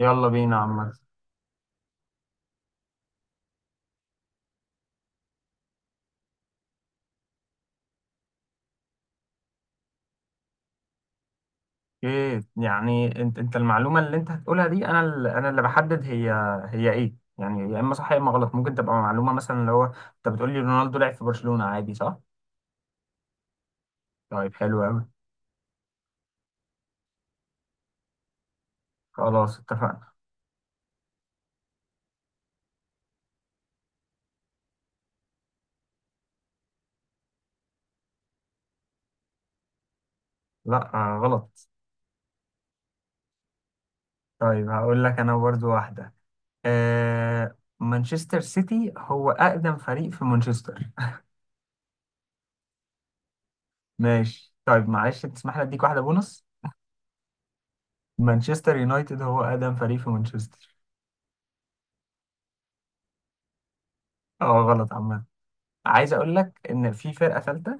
يلا بينا عم. ايه يعني انت المعلومه اللي انت هتقولها دي، انا انا اللي بحدد هي ايه، يعني يا اما صح يا اما غلط. ممكن تبقى معلومه مثلا اللي هو انت بتقول لي رونالدو لعب في برشلونه عادي، صح؟ طيب حلو قوي. خلاص اتفقنا. لا، آه غلط. طيب هقول لك انا برضو واحده. آه، مانشستر سيتي هو اقدم فريق في مانشستر. ماشي. طيب معلش تسمح لي اديك واحده بونص. مانشستر يونايتد هو اقدم فريق في مانشستر. اه غلط عم. عايز اقول لك ان في فرقه ثالثه.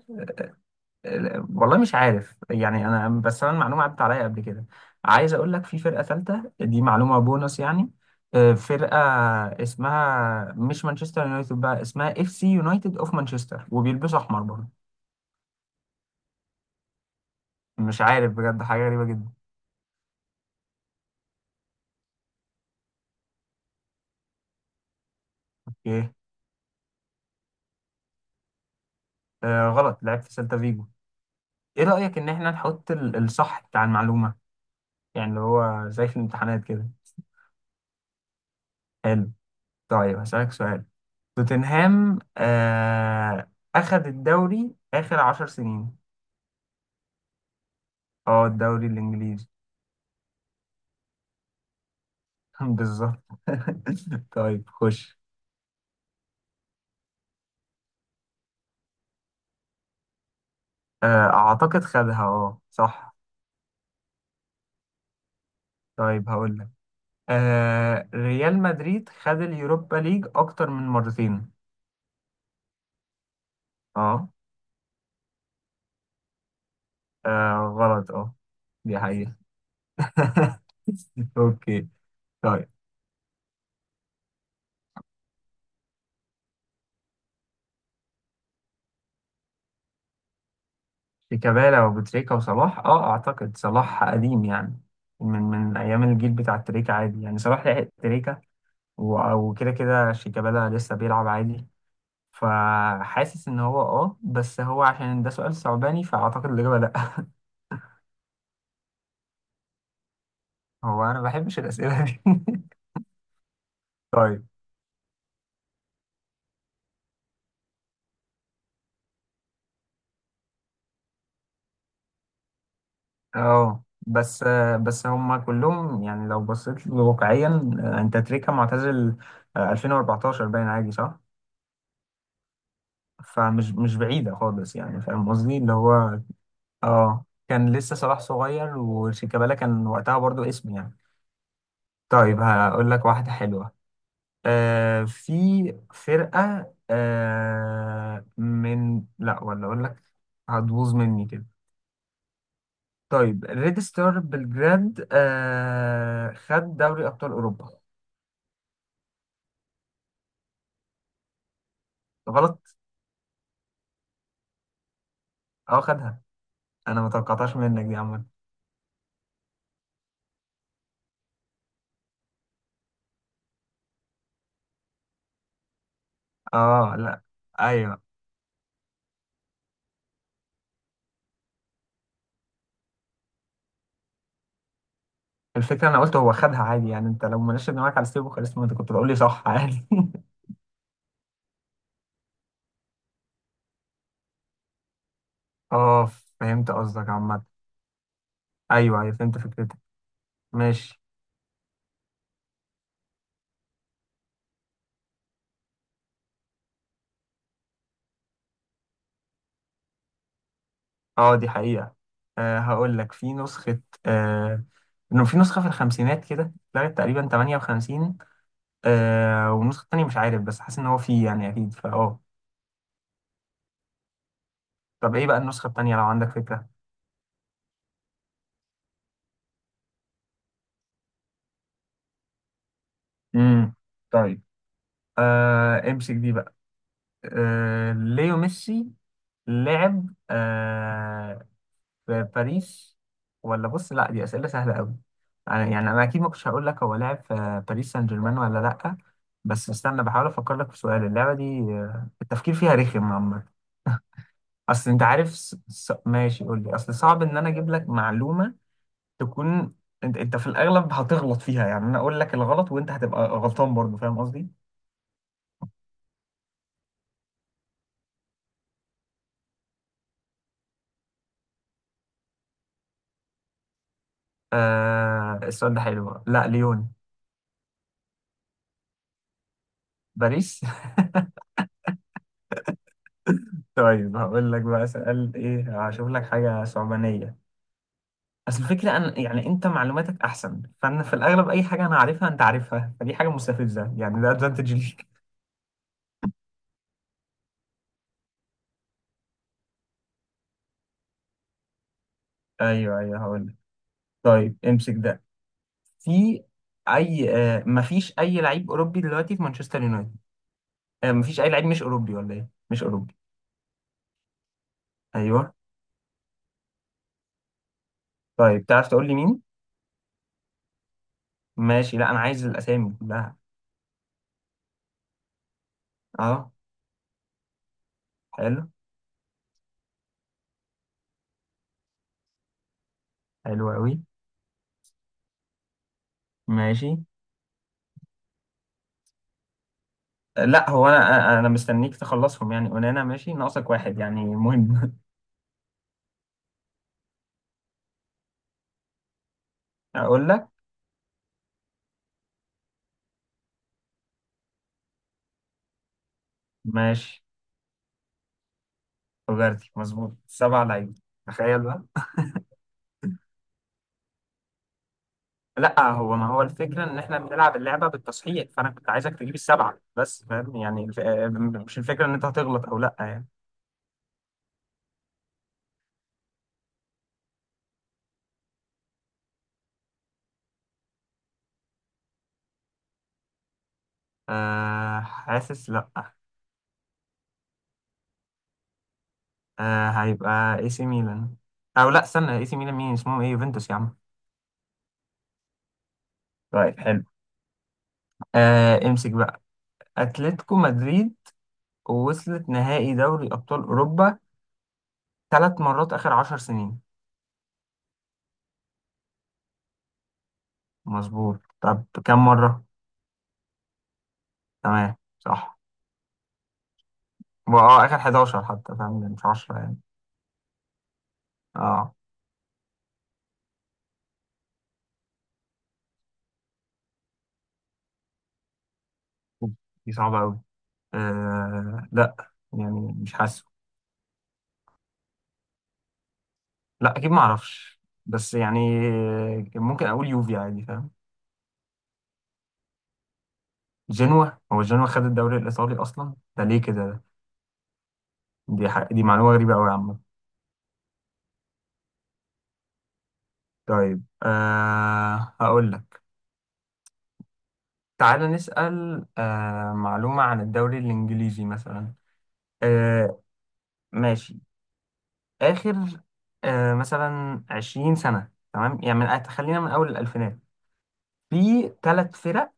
والله مش عارف يعني، انا بس انا المعلومه عدت عليا قبل كده. عايز اقول لك في فرقه ثالثه، دي معلومه بونص يعني. فرقه اسمها مش مانشستر يونايتد، بقى اسمها اف سي يونايتد اوف مانشستر، وبيلبسوا احمر برضه. مش عارف بجد، حاجه غريبه جدا. ايه؟ آه غلط، لعب في سيلتا فيجو. ايه رايك ان احنا نحط الصح بتاع المعلومه، يعني اللي هو زي في الامتحانات كده. حلو. طيب هسألك سؤال. توتنهام آه أخد الدوري آخر 10 سنين. اه الدوري الإنجليزي. بالظبط. طيب خش. آه أعتقد خدها، اه صح. طيب هقول لك، آه ريال مدريد خد اليوروبا ليج أكتر من مرتين. اه. غلط اه. دي حقيقة. أوكي. طيب. شيكابالا وبوتريكا وصلاح، اه أعتقد صلاح قديم يعني، من أيام الجيل بتاع تريكة، عادي يعني صلاح لحق تريكة. وكده كده شيكابالا لسه بيلعب عادي. فحاسس ان هو اه، بس هو عشان ده سؤال صعباني فاعتقد الاجابه لا. هو انا ما بحبش الاسئله دي. طيب. اه بس هم كلهم يعني لو بصيت له واقعيا. انت تريكا معتزل، 2014 باين، عادي صح. فمش مش بعيده خالص يعني، فاهم قصدي اللي هو، اه كان لسه صلاح صغير وشيكابالا كان وقتها برضو اسم يعني. طيب هقول لك واحده حلوه. آه في فرقة آه من لا، ولا أقول لك هتبوظ مني كده. طيب ريد ستار بلجراد آه خد دوري أبطال أوروبا. غلط، اه خدها. أنا ما توقعتهاش منك دي عامة. اه لا. أيوه. الفكرة أنا قلت هو خدها عادي يعني، أنت لو مناش دماغك على ستيفو خالص، ما أنت كنت بقول لي صح عادي. اه فهمت قصدك عامة. أيوه أيوه فهمت فكرتك. ماشي. اه دي حقيقة. أه هقول لك في نسخة، آه، انه في نسخة في الخمسينات كده اتلغت تقريبا 58. أه والنسخة التانية مش عارف، بس حاسس ان هو في يعني اكيد طب ايه بقى النسخة التانية لو عندك فكرة؟ امم. طيب. أه امسك دي بقى. أه ليو ميسي لعب آه في باريس، ولا بص لا دي أسئلة سهلة أوي. أنا يعني، أنا أكيد ما كنتش هقول لك هو لعب في باريس سان جيرمان ولا لأ. بس استنى بحاول أفكر لك في سؤال اللعبة دي، التفكير فيها رخم عامة. أصل أنت عارف ماشي قول لي. أصل صعب إن أنا أجيب لك معلومة تكون، أنت في الأغلب هتغلط فيها، يعني أنا أقول لك الغلط وأنت هتبقى غلطان برضه، فاهم قصدي؟ آه السؤال ده حلو. لا ليون. باريس. طيب هقول لك بقى سؤال إيه، هشوف لك حاجة صعبانية. اصل الفكره انا يعني انت معلوماتك احسن، فانا في الاغلب اي حاجه انا عارفها انت عارفها، فدي حاجه مستفزه يعني، ده ادفانتج ليك. ايوه ايوه هقول لك. طيب امسك ده. في اي آه مفيش اي لعيب اوروبي دلوقتي في مانشستر يونايتد. آه مفيش اي لعيب مش اوروبي، ولا ايه؟ مش اوروبي. ايوه. طيب تعرف تقول لي مين؟ ماشي. لا انا عايز الاسامي كلها. اه. حلو. حلو قوي. ماشي. لا هو انا مستنيك تخلصهم يعني، اونانا ماشي، ناقصك واحد يعني مهم. اقول لك. ماشي. تجارتي مظبوط، 7 لعيبه. تخيل بقى. لا هو، ما هو الفكره ان احنا بنلعب اللعبه بالتصحيح، فانا كنت عايزك تجيب السبعه بس فاهم، يعني الف... آه، مش الفكره ان انت هتغلط او لا يعني. أه حاسس لا. أه هيبقى اي سي ميلان. او لا استنى، اي سي ميلان مين؟ اسمهم ايه؟ يوفنتوس يا عم. طيب حلو. أه امسك بقى. اتلتيكو مدريد وصلت نهائي دوري ابطال اوروبا 3 مرات اخر 10 سنين. مظبوط. طب كم مره؟ تمام صح. اه اخر 11 حتى، فاهم يعني مش 10 يعني. اه دي صعبه قوي. آه لا، يعني مش حاسه. لا اكيد ما اعرفش، بس يعني ممكن اقول يوفي عادي فاهم. جنوا. هو جنوا خد الدوري الايطالي اصلا ده؟ ليه كده ده؟ دي معلومه غريبه قوي يا عم. طيب آه هقول لك. تعالى نسال آه معلومه عن الدوري الانجليزي مثلا. آه. ماشي. اخر آه مثلا 20 سنه، تمام؟ يعني خلينا من اول الالفينات. في 3 فرق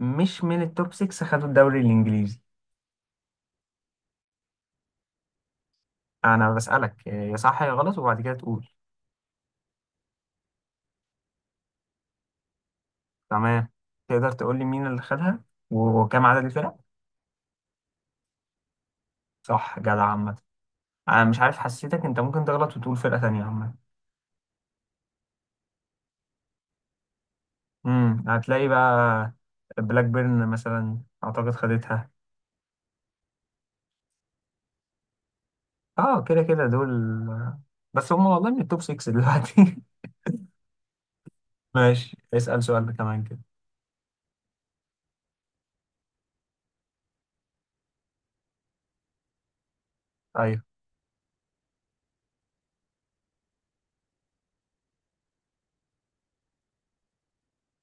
مش من التوب 6 خدوا الدوري الانجليزي. انا بسألك يا صح يا غلط، وبعد كده تقول. تمام. تقدر تقول لي مين اللي خدها وكم عدد الفرق؟ صح جدع عامة. انا مش عارف، حسيتك انت ممكن تغلط وتقول فرقة تانية عامة. هتلاقي بقى. بلاك بيرن مثلا اعتقد خدتها. اه كده كده دول. آه، بس هم والله من التوب 6 دلوقتي. ماشي، اسأل سؤال كمان كده. ايوه.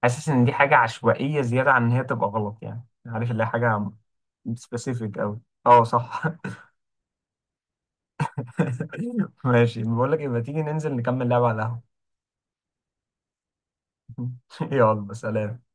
حاسس ان دي حاجه عشوائيه زياده عن ان هي تبقى غلط، يعني عارف اللي هي حاجه سبيسيفيك قوي. اه صح. ماشي، بقول لك يبقى تيجي ننزل نكمل لعبه على القهوه. يلا سلام.